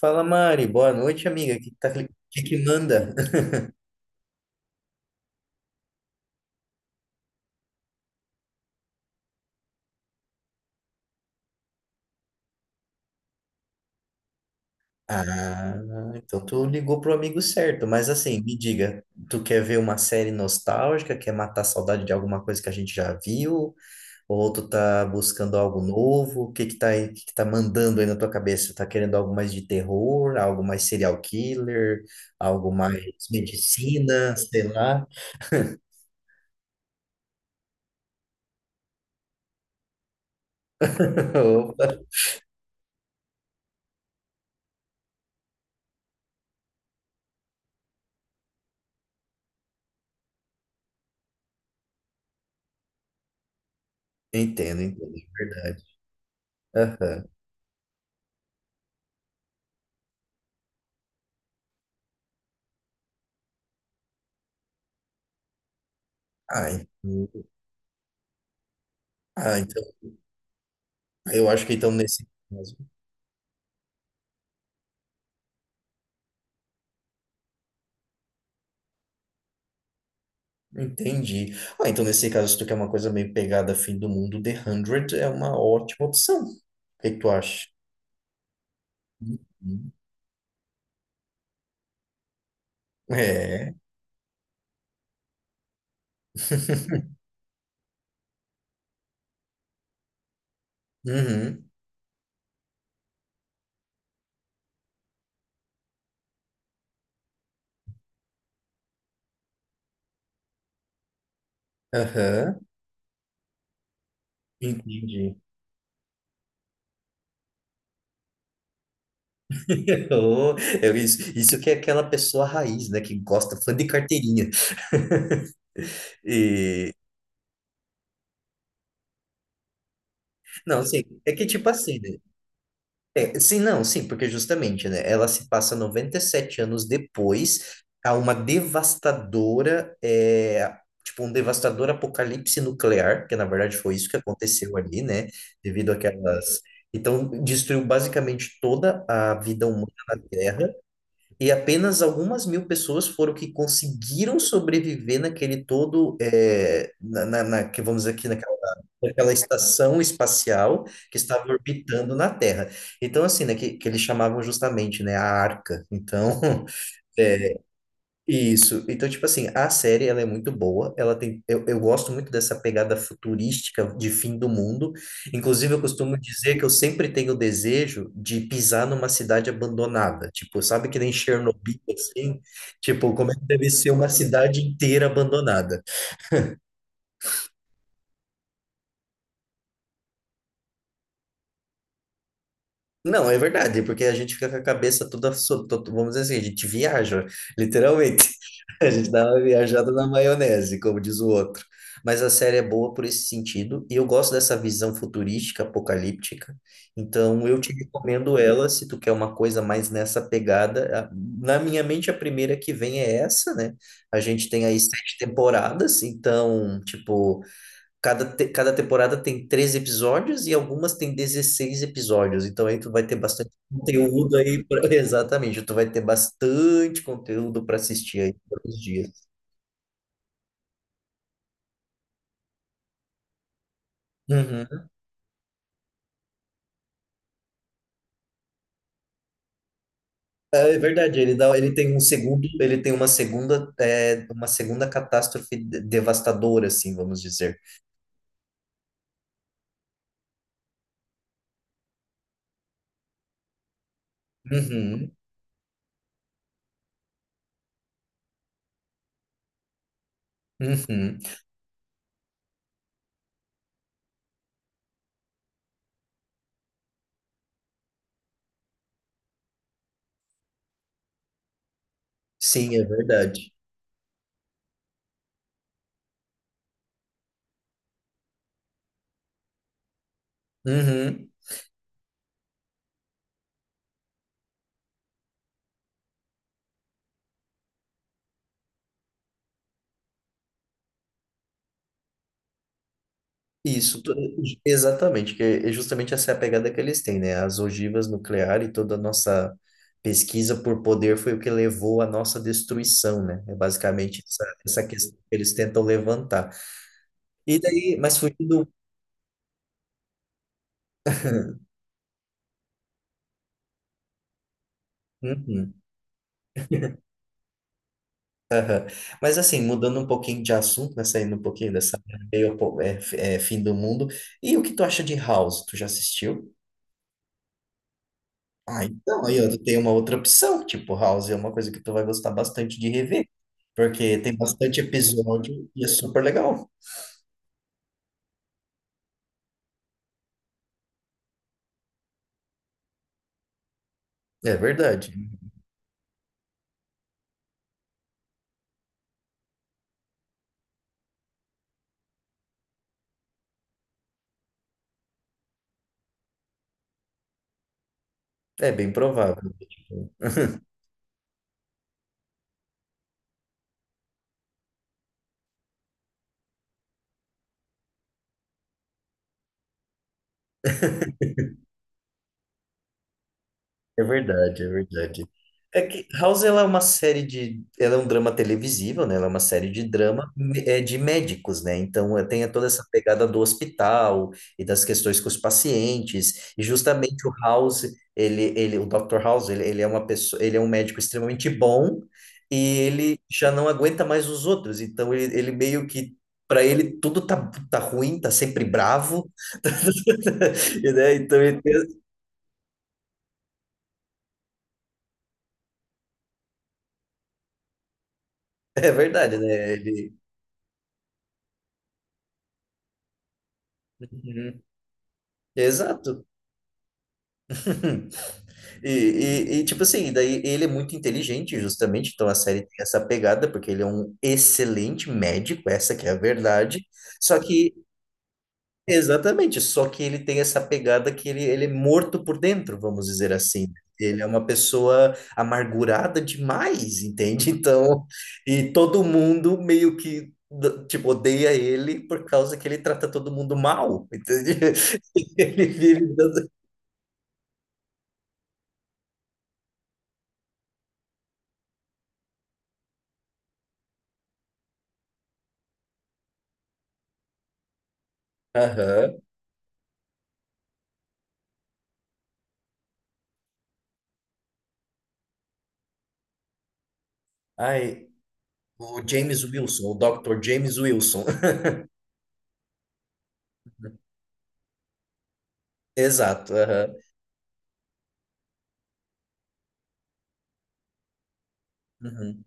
Fala, Mari. Boa noite, amiga. O que que manda? Ah, então tu ligou pro amigo certo. Mas assim, me diga, tu quer ver uma série nostálgica? Quer matar a saudade de alguma coisa que a gente já viu? Ou tu tá buscando algo novo? O que que tá mandando aí na tua cabeça? Tá querendo algo mais de terror, algo mais serial killer, algo mais medicina, sei lá. Opa. Entendo, entendo, é verdade. Aham. Ah, en- ah, então. Eu acho que então nesse caso. Entendi. Ah, então nesse caso, se tu quer uma coisa meio pegada fim do mundo, The 100 é uma ótima opção. O que que tu acha? Uhum. É. Uhum. Aham. Entendi. Oh, isso que é aquela pessoa raiz, né? Que gosta, fã de carteirinha. E, não, assim, é que tipo assim, né? É, sim, não, sim, porque justamente, né, ela se passa 97 anos depois a uma devastadora, tipo, um devastador apocalipse nuclear, que na verdade foi isso que aconteceu ali, né, devido àquelas... Então, destruiu basicamente toda a vida humana na Terra, e apenas algumas mil pessoas foram que conseguiram sobreviver naquele todo, que vamos dizer aqui naquela, naquela estação espacial que estava orbitando na Terra. Então, assim, né, que eles chamavam justamente, né, a Arca. Então, isso. Então, tipo assim, a série ela é muito boa. Ela tem, eu gosto muito dessa pegada futurística de fim do mundo. Inclusive, eu costumo dizer que eu sempre tenho o desejo de pisar numa cidade abandonada. Tipo, sabe que nem Chernobyl, assim? Tipo, como é que deve ser uma cidade inteira abandonada? Não, é verdade, porque a gente fica com a cabeça toda, vamos dizer assim, a gente viaja, literalmente. A gente dá uma viajada na maionese, como diz o outro. Mas a série é boa por esse sentido, e eu gosto dessa visão futurística, apocalíptica. Então, eu te recomendo ela se tu quer uma coisa mais nessa pegada. A- Na minha mente, a primeira que vem é essa, né? A gente tem aí 7 temporadas, então, tipo, Cada temporada tem 13 episódios e algumas tem 16 episódios. Então aí tu vai ter bastante conteúdo aí. Exatamente, tu vai ter bastante conteúdo para assistir aí todos os dias. Uhum. É verdade, ele dá, ele tem um segundo, ele tem uma segunda, uma segunda catástrofe devastadora, assim, vamos dizer. Uhum, uhum. Sim, é verdade. Uhum. Isso, tu- exatamente, que é justamente essa é a pegada que eles têm, né? As ogivas nucleares e toda a nossa pesquisa por poder foi o que levou à nossa destruição, né? É basicamente essa questão que eles tentam levantar. E daí, mas fugindo. Uhum, aham. Mas assim, mudando um pouquinho de assunto, né? Saindo um pouquinho dessa meio, po- é, f- é, fim do mundo. E o que tu acha de House? Tu já assistiu? Ah, então, aí ó, tu tem uma outra opção, tipo, House é uma coisa que tu vai gostar bastante de rever, porque tem bastante episódio e é super legal. É verdade, é bem provável. Tipo. É verdade, é verdade. É que House ela é uma série de, ela é um drama televisivo, né? Ela é uma série de de médicos, né? Então é, tem toda essa pegada do hospital e das questões com os pacientes. E justamente o House, o Dr. House, ele é uma pessoa, ele é um médico extremamente bom e ele já não aguenta mais os outros. Então ele meio que Para ele, tá ruim, tá sempre bravo, né? Então, ele tem- é verdade, né? Ele, uhum. Exato. E, e tipo assim, daí ele é muito inteligente, justamente, então a série tem essa pegada, porque ele é um excelente médico, essa que é a verdade. Só que, exatamente, só que ele tem essa pegada que ele é morto por dentro, vamos dizer assim. Né? Ele é uma pessoa amargurada demais, entende? Então, e todo mundo meio que, d- tipo, odeia ele por causa que ele trata todo mundo mal, entende? Ele vive dando Aham. Ai, o James Wilson, o Dr. James Wilson. Exato, aham. Uhum.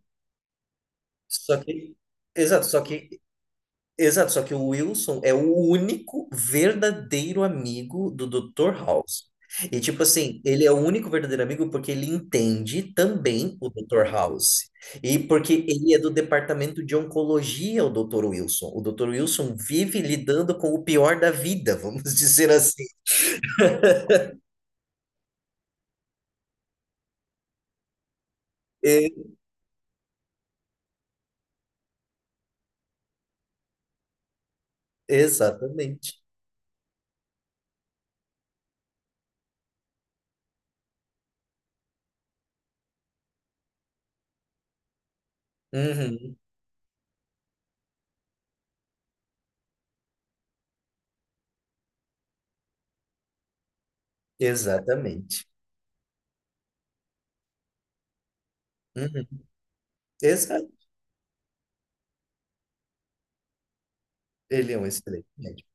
Só que, exato, só que, exato, só que o Wilson é o único verdadeiro amigo do Dr. House. E tipo assim, ele é o único verdadeiro amigo porque ele entende também o Dr. House. E porque ele é do departamento de oncologia, o Dr. Wilson. O Dr. Wilson vive lidando com o pior da vida, vamos dizer assim. E- exatamente. Uhum, exatamente. Uhum. Exato. Ele é um excelente médico.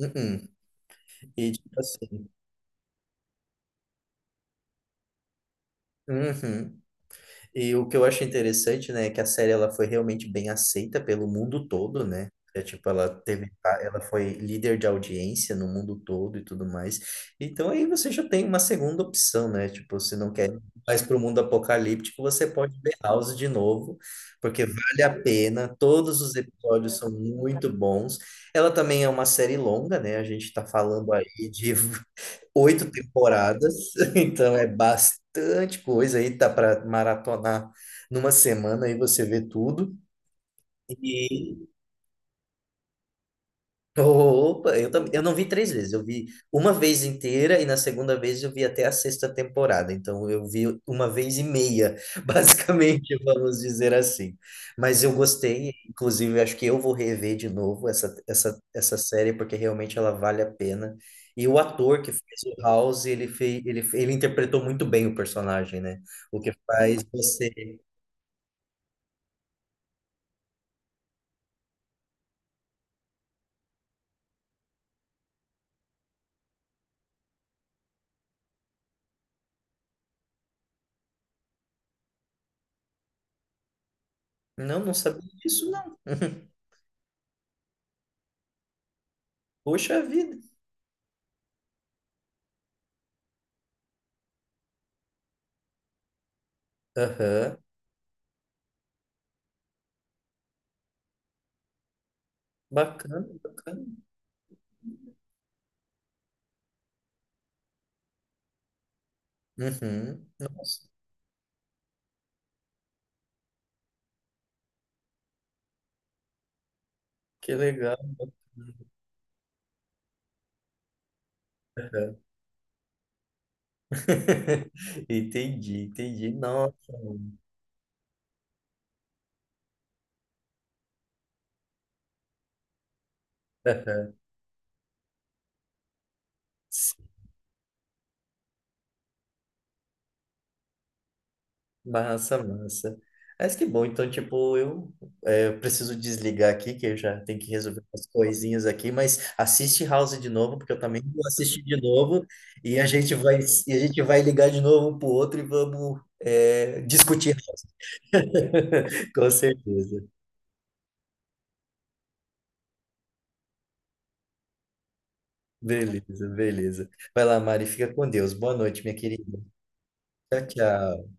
Uhum. E tipo assim. Uhum. E o que eu acho interessante, né, é que a série ela foi realmente bem aceita pelo mundo todo, né? É, tipo, ela teve, ela foi líder de audiência no mundo todo e tudo mais. Então aí você já tem uma segunda opção, né? Tipo, se não quer ir mais para o mundo apocalíptico, você pode ver House de novo, porque vale a pena. Todos os episódios são muito bons. Ela também é uma série longa, né? A gente está falando aí de 8 temporadas, então é bastante coisa aí, dá para maratonar numa semana aí você vê tudo. E opa, eu também, eu não vi três vezes, eu vi uma vez inteira e na segunda vez eu vi até a sexta temporada, então eu vi uma vez e meia, basicamente, vamos dizer assim. Mas eu gostei, inclusive acho que eu vou rever de novo essa série porque realmente ela vale a pena. E o ator que fez o House, ele interpretou muito bem o personagem, né? O que faz você. Não, não sabia disso, não. Poxa vida. Aham, bacana, bacana. Uhum. Nossa, que legal. Aham. Entendi, entendi. Nossa, mano. Aham. Massa, massa. Mas que bom, então, tipo, eu preciso desligar aqui, que eu já tenho que resolver umas coisinhas aqui, mas assiste House de novo, porque eu também vou assistir de novo, e a gente vai, e a gente vai ligar de novo um pro outro e vamos discutir House. Com certeza. Beleza, beleza. Vai lá, Mari, fica com Deus. Boa noite, minha querida. Tchau, tchau.